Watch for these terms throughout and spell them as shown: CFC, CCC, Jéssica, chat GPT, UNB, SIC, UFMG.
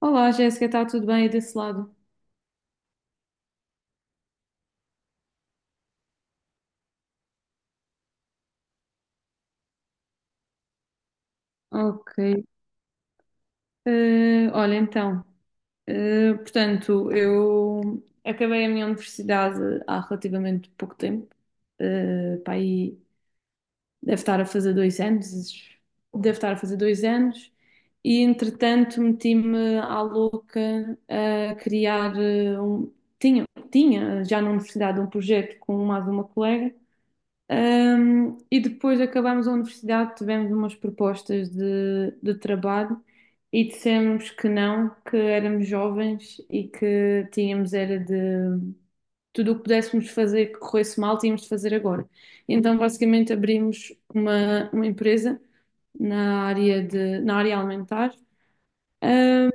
Olá, Jéssica, está tudo bem aí desse lado? Ok. Olha, então, portanto, eu acabei a minha universidade há relativamente pouco tempo. Pá, aí deve estar a fazer dois anos. Deve estar a fazer dois anos. E, entretanto, meti-me à louca a criar um... Tinha, tinha já na universidade um projeto com mais uma colega. E depois acabámos a universidade, tivemos umas propostas de trabalho e dissemos que não, que éramos jovens e que tínhamos era de tudo o que pudéssemos fazer que corresse mal, tínhamos de fazer agora. Então, basicamente, abrimos uma empresa na área na área alimentar. Um,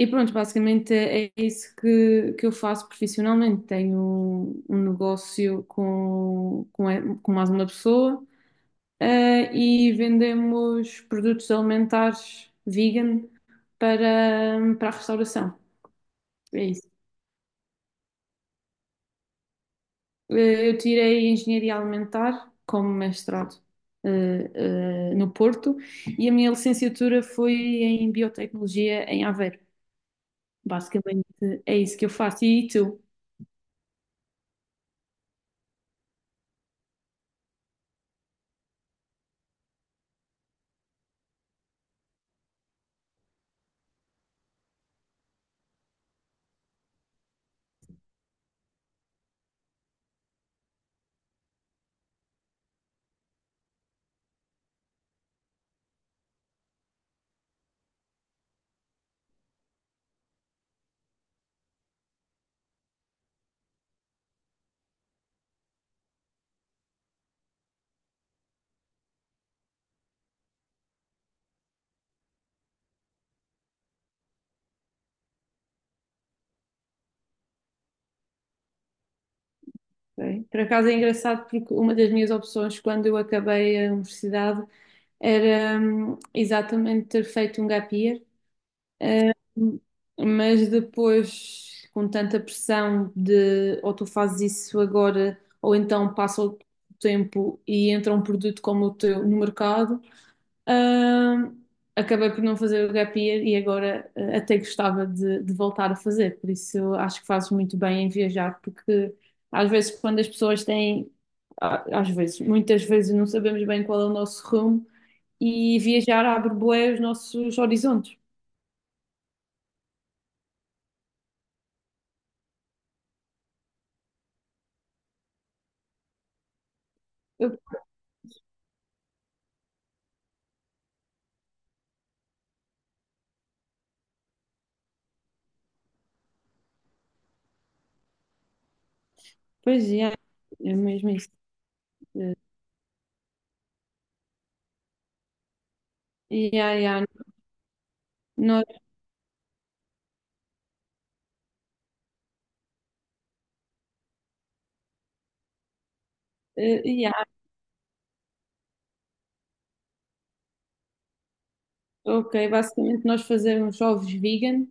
e pronto, basicamente é isso que eu faço profissionalmente. Tenho um negócio com mais uma pessoa eh, e vendemos produtos alimentares vegan para a restauração. É isso. Eu tirei Engenharia Alimentar como mestrado, no Porto, e a minha licenciatura foi em Biotecnologia em Aveiro. Basicamente é isso que eu faço. E tu? Ok. Por acaso é engraçado porque uma das minhas opções quando eu acabei a universidade era exatamente ter feito um gap year, hum, mas depois com tanta pressão de ou tu fazes isso agora ou então passa o tempo e entra um produto como o teu no mercado. Ahm, Acabei por não fazer o gap year e agora até gostava de voltar a fazer, por isso eu acho que fazes muito bem em viajar, porque às vezes quando as às vezes, muitas vezes não sabemos bem qual é o nosso rumo e viajar abre bué os nossos horizontes. Eu, Pois, yeah, é mesmo isso. Eh, Yeah, yeah. Nós, yeah, ok, basicamente nós fazemos ovos vegan.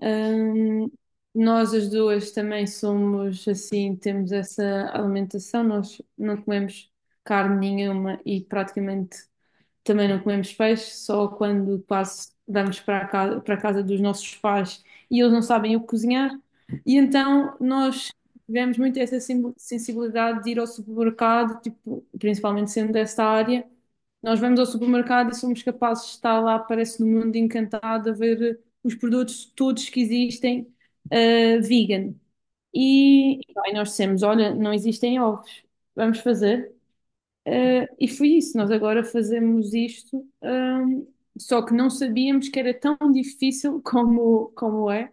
Hum, nós as duas também somos assim, temos essa alimentação, nós não comemos carne nenhuma e praticamente. Também não comemos peixe, só quando quase damos para a casa dos nossos pais e eles não sabem o que cozinhar. E então nós tivemos muito essa sensibilidade de ir ao supermercado, tipo, principalmente sendo desta área. Nós vamos ao supermercado e somos capazes de estar lá, parece no mundo encantado, a ver os produtos todos que existem, vegan. E nós dissemos: Olha, não existem ovos, vamos fazer. E foi isso, nós agora fazemos isto, só que não sabíamos que era tão difícil como, como é.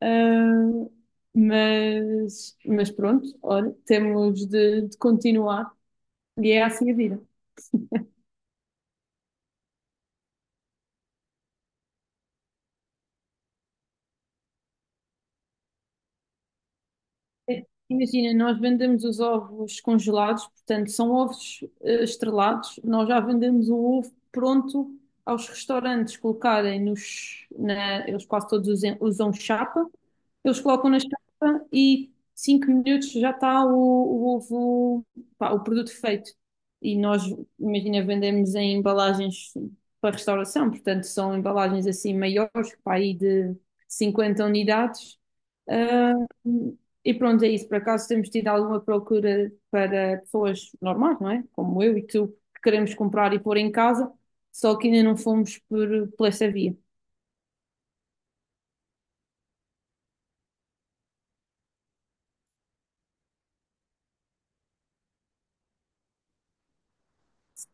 Ah, mas pronto, olha, temos de continuar e é assim a vida. Imagina, nós vendemos os ovos congelados, portanto, são ovos estrelados. Nós já vendemos o ovo pronto aos restaurantes colocarem eles quase todos usam chapa. Eles colocam na chapa e 5 minutos já está o ovo, pá, o produto feito. E nós, imagina, vendemos em embalagens para restauração, portanto, são embalagens assim maiores, para aí de 50 unidades. Ah, e pronto, é isso. Por acaso temos tido alguma procura para pessoas normais, não é? Como eu e tu, que queremos comprar e pôr em casa, só que ainda não fomos por essa via.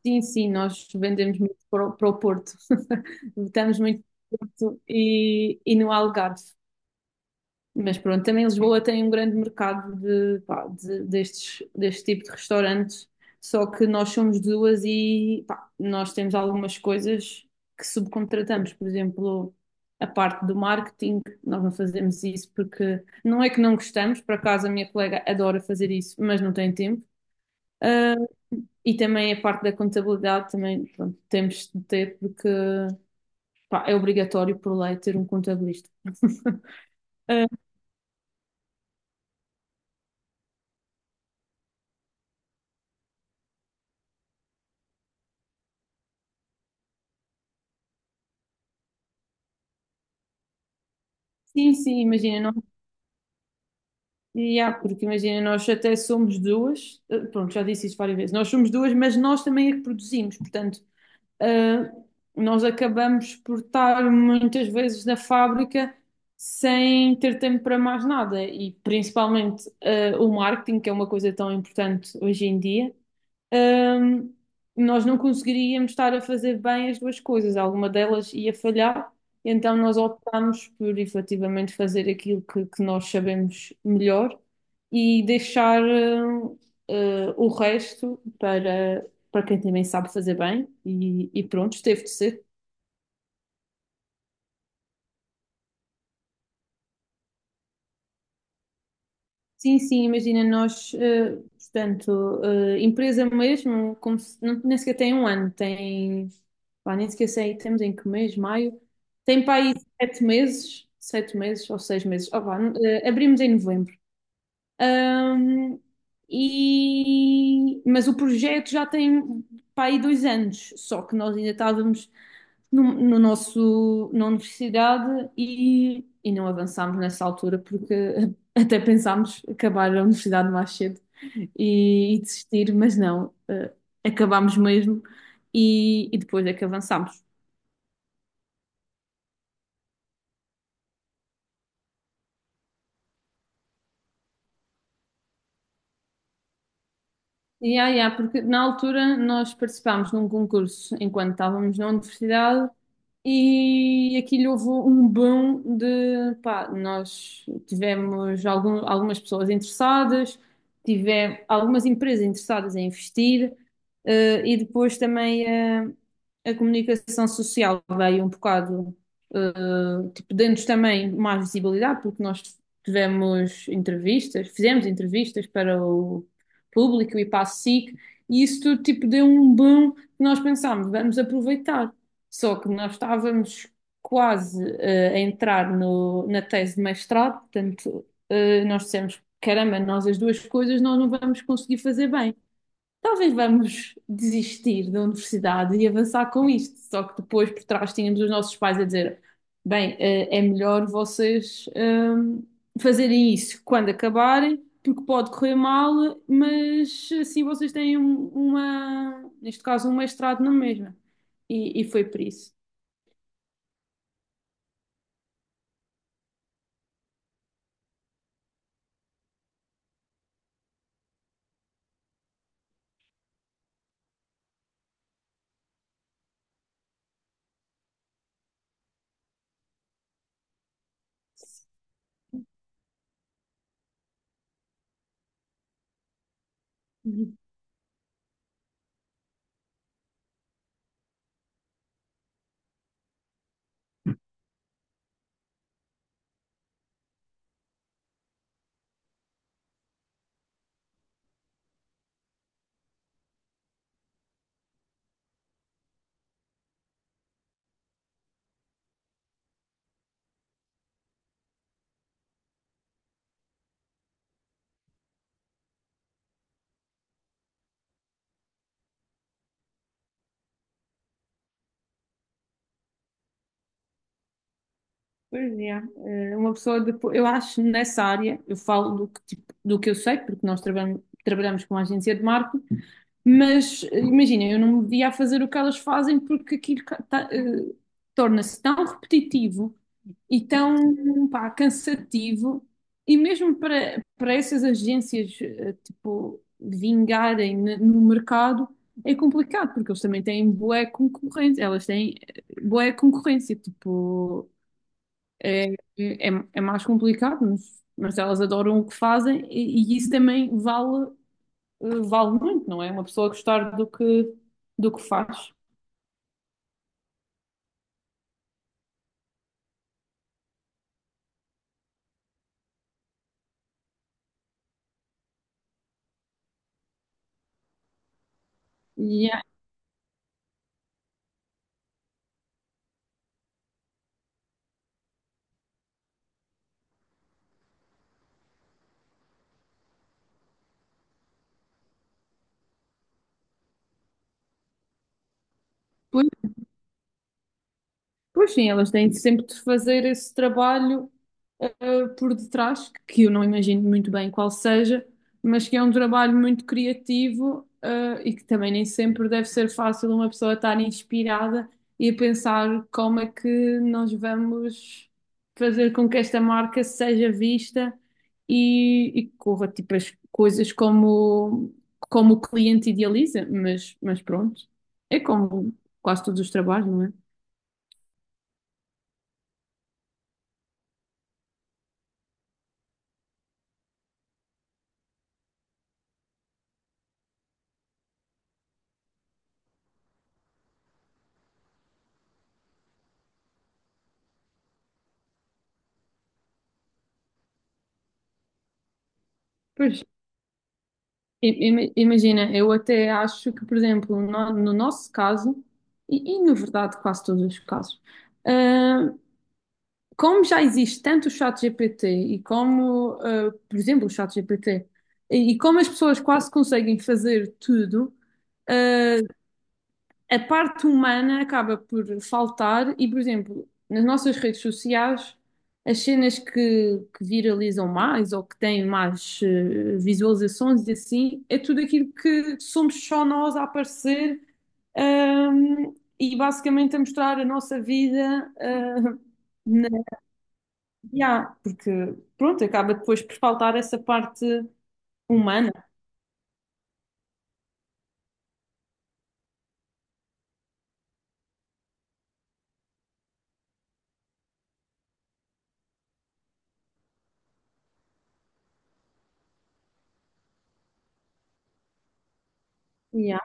Sim, sim, nós vendemos muito para para o Porto. Estamos muito no Porto e no Algarve. Mas pronto, também Lisboa tem um grande mercado de, pá, deste tipo de restaurantes, só que nós somos duas e pá, nós temos algumas coisas que subcontratamos, por exemplo, a parte do marketing, nós não fazemos isso porque não é que não gostamos, por acaso a minha colega adora fazer isso, mas não tem tempo. Ah, e também a parte da contabilidade também, pronto, temos de ter porque pá, é obrigatório por lei ter um contabilista. Ah, sim, sim, imagina. E há, porque imagina, nós até somos duas, pronto, já disse isto várias vezes, nós somos duas, mas nós também é que produzimos, portanto, eh, nós acabamos por estar muitas vezes na fábrica sem ter tempo para mais nada, e principalmente o marketing, que é uma coisa tão importante hoje em dia, hum, nós não conseguiríamos estar a fazer bem as duas coisas, alguma delas ia falhar, então nós optámos por efetivamente fazer aquilo que nós sabemos melhor e deixar o resto para, para quem também sabe fazer bem e pronto, teve de ser. Sim, sim, imagina, portanto, empresa mesmo, como não, nem sequer tem um ano, tem, pá, nem sequer sei, temos em que mês, maio, tem para aí sete meses ou seis meses, ó pá, abrimos em novembro. Ahm, Mas o projeto já tem para aí dois anos, só que nós ainda estávamos no nosso, na universidade e não avançámos nessa altura porque até pensámos acabar a universidade mais cedo e desistir, mas não, acabámos mesmo e depois é que avançámos. E há, e porque na altura nós participámos num concurso enquanto estávamos na universidade e aquilo houve um boom de, pá, nós tivemos algumas pessoas interessadas, tivemos algumas empresas interessadas em investir, e depois também comunicação social veio um bocado, tipo, dando-nos também mais visibilidade, porque nós tivemos entrevistas, fizemos entrevistas para o público e para a SIC, e isso tudo, tipo, deu um boom que nós pensámos, vamos aproveitar. Só que nós estávamos quase a entrar na tese de mestrado, portanto, nós dissemos, caramba, nós as duas coisas nós não vamos conseguir fazer bem. Talvez vamos desistir da universidade e avançar com isto. Só que depois por trás tínhamos os nossos pais a dizer, bem, é melhor vocês fazerem isso quando acabarem, porque pode correr mal, mas assim vocês têm uma, neste caso, um mestrado na mesma. E foi por isso. Uhum. Pois é, uma pessoa depois, eu acho nessa área, eu falo do que, tipo, do que eu sei, porque nós trabalhamos, trabalhamos com uma agência de marketing, mas imagina, eu não me via a fazer o que elas fazem porque aquilo ca- tá, eh, torna-se tão repetitivo e tão, pá, cansativo, e mesmo para, para essas agências, tipo, vingarem no mercado, é complicado, porque eles também têm bué concorrência, elas têm bué concorrência, tipo. É, é, é mais complicado, mas elas adoram o que fazem e isso também vale, vale muito, não é? Uma pessoa gostar do que faz. E é- depois pois sim, elas têm sempre de fazer esse trabalho por detrás, que eu não imagino muito bem qual seja, mas que é um trabalho muito criativo e que também nem sempre deve ser fácil uma pessoa estar inspirada e a pensar como é que nós vamos fazer com que esta marca seja vista e corra tipo as coisas como, como o cliente idealiza, mas pronto, é como quase todos os trabalhos, não é? Pois, imagina, eu até acho que, por exemplo, no nosso caso, e na verdade quase todos os casos, ah, como já existe tanto o chat GPT e como, por exemplo, o chat GPT, e como as pessoas quase conseguem fazer tudo, hum, a parte humana acaba por faltar e, por exemplo, nas nossas redes sociais, as cenas que viralizam mais ou que têm mais visualizações e assim, é tudo aquilo que somos só nós a aparecer, ahm, e basicamente a mostrar a nossa vida, na, yeah, porque pronto, acaba depois por faltar essa parte humana. Yeah.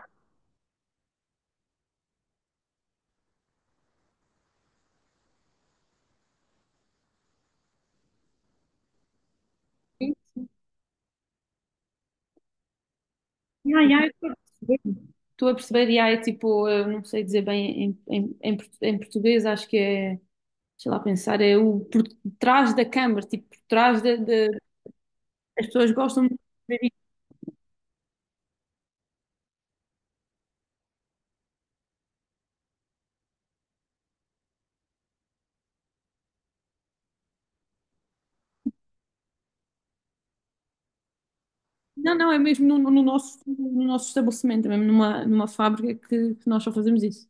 Yeah, yeah, eu estou a perceber. Estou a perceber, e é tipo, eu não sei dizer bem em português, acho que é, sei lá pensar, é o por trás da câmara, tipo, por trás as pessoas gostam de ver isso. Não, não, é mesmo no nosso, no nosso estabelecimento, é mesmo numa fábrica que nós só fazemos isso.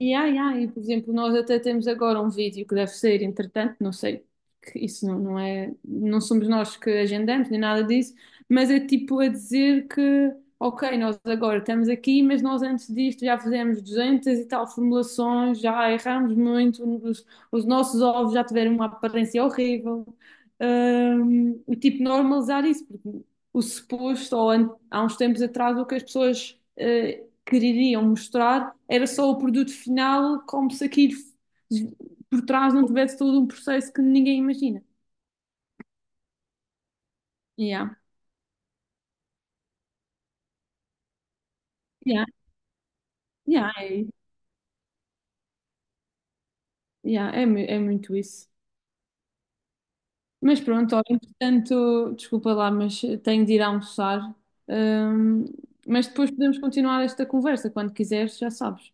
E, ai, ai, por exemplo, nós até temos agora um vídeo que deve ser, entretanto, não sei, que isso não, não é, não somos nós que agendamos nem nada disso, mas é tipo a dizer que, ok, nós agora estamos aqui, mas nós antes disto já fizemos 200 e tal formulações, já erramos muito, os nossos ovos já tiveram uma aparência horrível. E tipo, normalizar isso, porque o suposto, há uns tempos atrás, o que as pessoas. Quereriam mostrar, era só o produto final, como se aquilo por trás não tivesse todo um processo que ninguém imagina. Yeah, yeah, yeah, é, yeah, é muito isso. Mas pronto, olha, entretanto, desculpa lá, mas tenho de ir almoçar. Hum, mas depois podemos continuar esta conversa, quando quiseres, já sabes.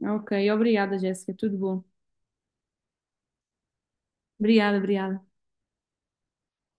Ok, obrigada, Jéssica, tudo bom. Obrigada, obrigada.